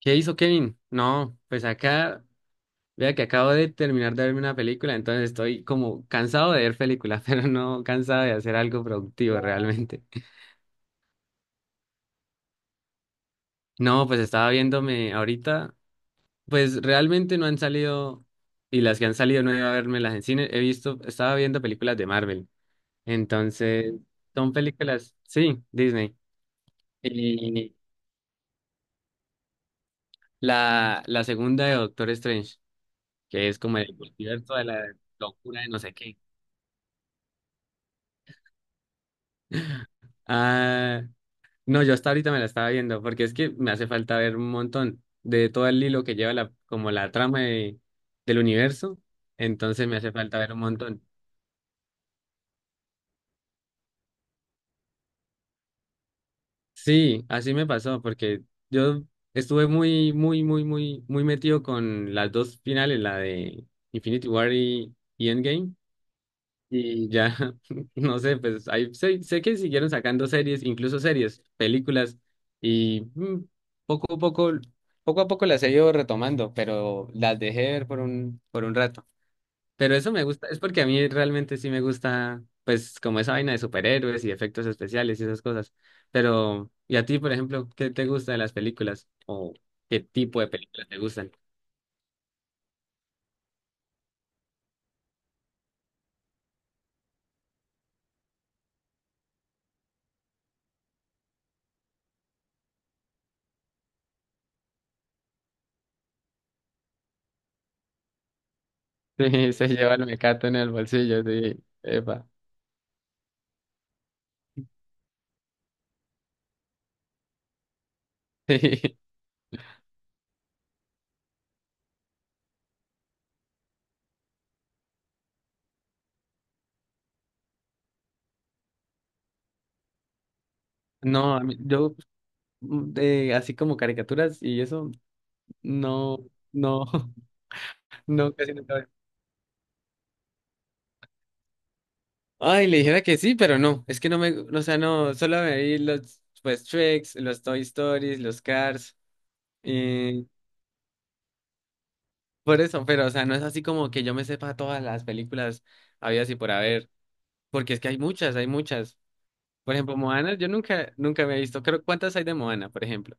¿Qué hizo Kevin? No, pues acá, vea que acabo de terminar de verme una película, entonces estoy como cansado de ver películas, pero no cansado de hacer algo productivo realmente. No, pues estaba viéndome ahorita, pues realmente no han salido, y las que han salido no he ido a vermelas en cine, he visto, estaba viendo películas de Marvel, entonces son películas, sí, Disney. Y la segunda de Doctor Strange, que es como el multiverso de la locura de no sé qué. Ah, no, yo hasta ahorita me la estaba viendo, porque es que me hace falta ver un montón de todo el hilo que lleva la, como la trama de- del universo, entonces me hace falta ver un montón. Sí, así me pasó, porque yo estuve muy, muy, muy, muy, muy metido con las dos finales, la de Infinity War y Endgame. Y ya, no sé, pues ahí sé que siguieron sacando series, incluso series, películas, y mm, poco a poco, poco a poco las he ido retomando, pero las dejé de ver por un rato. Pero eso me gusta, es porque a mí realmente sí me gusta, pues, como esa vaina de superhéroes y efectos especiales y esas cosas. Pero ¿y a ti, por ejemplo, qué te gusta de las películas? ¿O qué tipo de películas te gustan? Sí, se lleva el mecato en el bolsillo, sí, epa. Sí. No, a mí- yo de, así como caricaturas y eso, no, no, no, casi nunca veo. Ay, le dijera que sí, pero no, es que no me, o sea, no, solo me vi los, pues, Tricks, los Toy Stories, los Cars, y por eso, pero, o sea, no es así como que yo me sepa todas las películas habidas y por haber, porque es que hay muchas, hay muchas. Por ejemplo, Moana, yo nunca, nunca me he visto, creo, ¿cuántas hay de Moana, por ejemplo?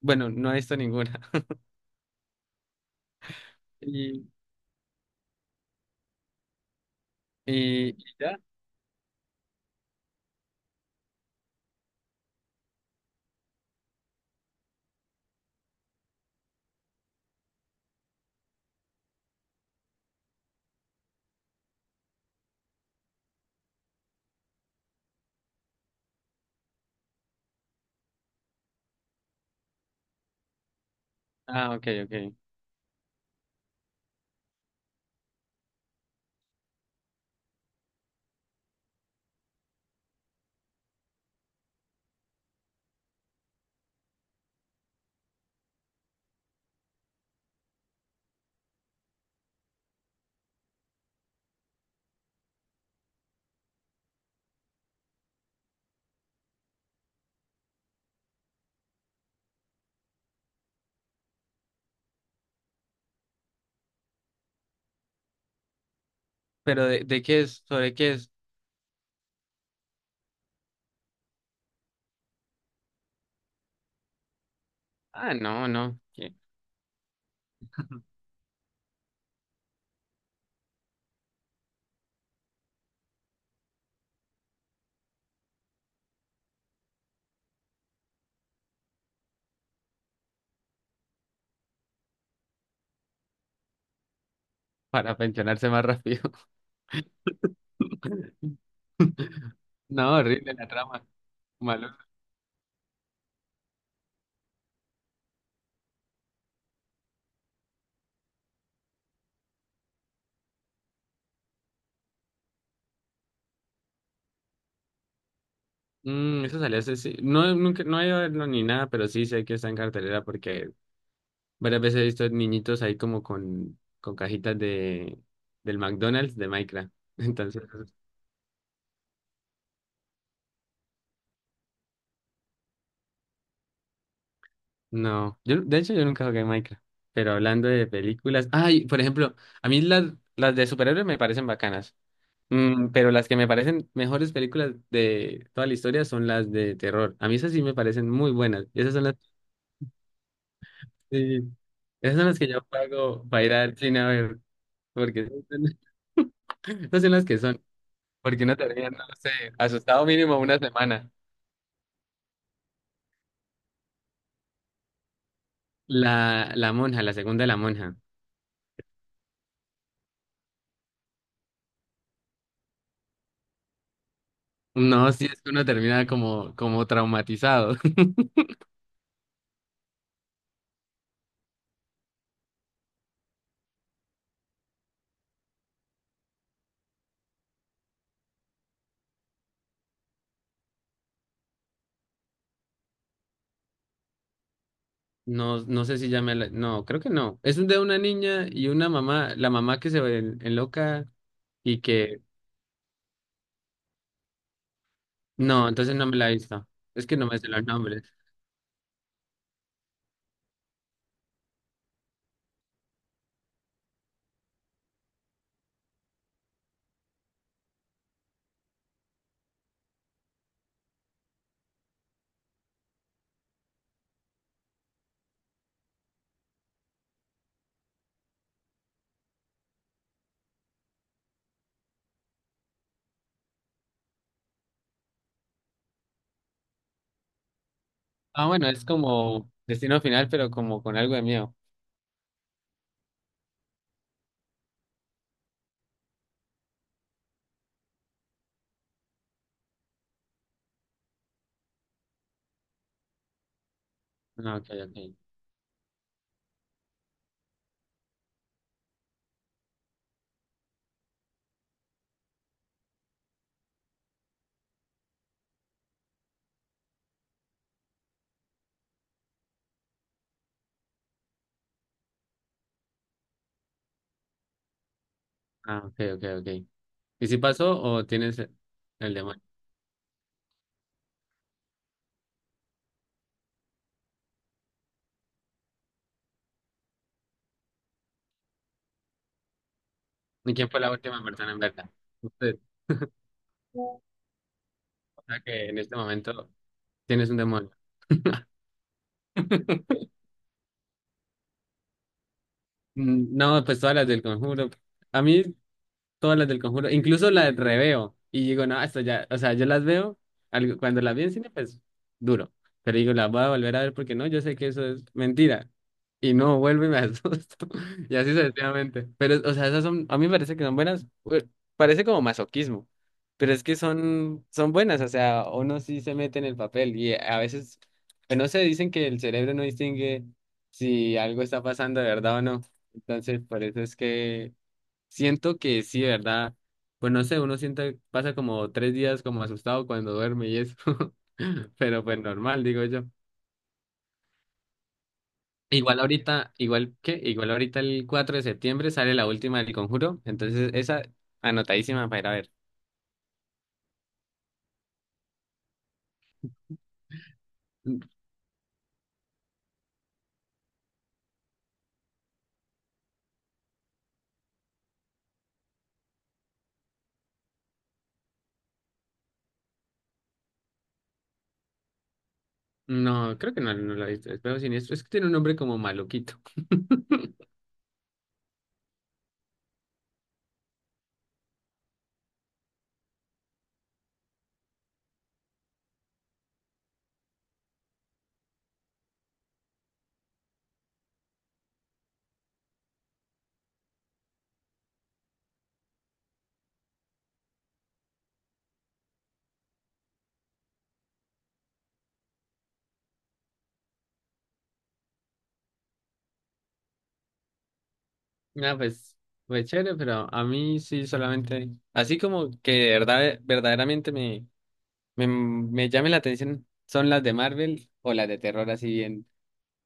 Bueno, no he visto ninguna. Y, y ya. Ah, ok, ok. Pero de, qué es, sobre qué es. Ah, no, no. ¿Qué? Para pensionarse más rápido. No, horrible la trama. Malo. Mm, eso salió hace, sí. No, nunca, no he ido a verlo ni nada, pero sí sé que está en cartelera porque varias veces he visto niñitos ahí como con cajitas de, del McDonald's de Minecraft. Entonces, no. Yo, de hecho, yo nunca jugué Minecraft. Pero hablando de películas. Ay, por ejemplo, a mí las de superhéroes me parecen bacanas. Mm, pero las que me parecen mejores películas de toda la historia son las de terror. A mí esas sí me parecen muy buenas. Esas son las, sí, esas son las que yo pago para ir al cine a ver, porque esas son esas son las que son. Porque uno termina, no sé, asustado mínimo una semana. La monja, la segunda de la monja. No, sí, es que uno termina como traumatizado. No, no sé si ya me la- No, creo que no. Es de una niña y una mamá, la mamá que se ve en- enloca y que no, entonces no me la he visto. Es que no me sé los nombres. Ah, bueno, es como Destino Final, pero como con algo de miedo. Ah, ok, ok. Ah, ok, ok, ok. ¿Y si pasó o tienes el demonio? ¿Y quién fue la última persona en verdad? Usted. O sea que en este momento tienes un demonio. Mm, no, pues todas las del Conjuro. A mí todas las del Conjuro, incluso las reveo. Y digo, no, esto ya, o sea, yo las veo, algo- cuando las vi en cine, pues duro. Pero digo, las voy a volver a ver porque no, yo sé que eso es mentira, y no vuelvo y me asusto. Y así sucesivamente. Pero, o sea, esas son, a mí me parece que son buenas, parece como masoquismo, pero es que son buenas, o sea, uno sí se mete en el papel y a veces, pues no sé, dicen que el cerebro no distingue si algo está pasando de verdad o no. Entonces, por eso es que siento que sí, de verdad, pues no sé, uno siente, pasa como 3 días como asustado cuando duerme y eso, pero pues normal, digo yo. Igual ahorita, igual que, igual ahorita el 4 de septiembre sale la última del Conjuro, entonces esa anotadísima para ir a ver. N- No, creo que no, no la he visto, es Juego Siniestro, es que tiene un nombre como maluquito. Ah, pues, pues chévere, pero a mí sí solamente, así como que de verdad, verdaderamente me, me llame la atención son las de Marvel o las de terror así bien,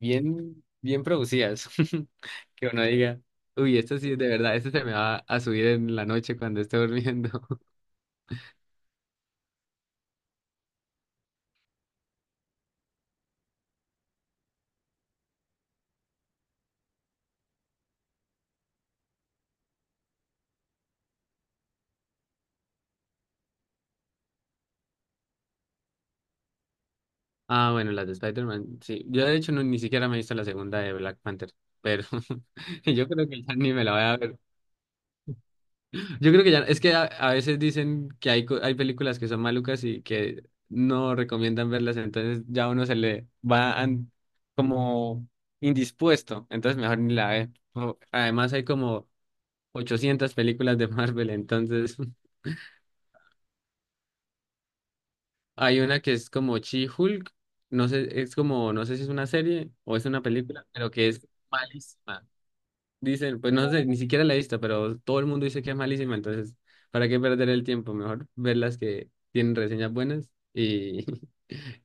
bien, bien producidas, que uno diga, uy, esto sí es de verdad, esto se me va a subir en la noche cuando esté durmiendo. Ah, bueno, las de Spider-Man, sí. Yo de hecho no- ni siquiera me he visto la segunda de Black Panther, pero yo creo que ya ni me la voy a ver. Yo creo que ya, es que a veces dicen que hay, co- hay películas que son malucas y que no recomiendan verlas, entonces ya uno se le va an- como indispuesto, entonces mejor ni la ve. O- además hay como 800 películas de Marvel, entonces hay una que es como She-Hulk, no sé, es como, no sé si es una serie o es una película, pero que es... Malísima. Dicen, pues no sé, ni siquiera la he visto, pero todo el mundo dice que es malísima, entonces, ¿para qué perder el tiempo? Mejor ver las que tienen reseñas buenas y,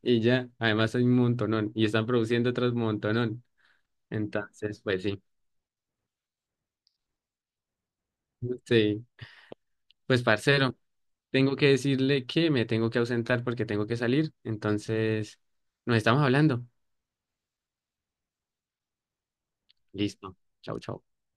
y ya. Además hay un montonón y están produciendo otros montonón. Entonces, pues sí. Sí, pues parcero, tengo que decirle que me tengo que ausentar porque tengo que salir. Entonces, nos estamos hablando. Listo. Chau, chau.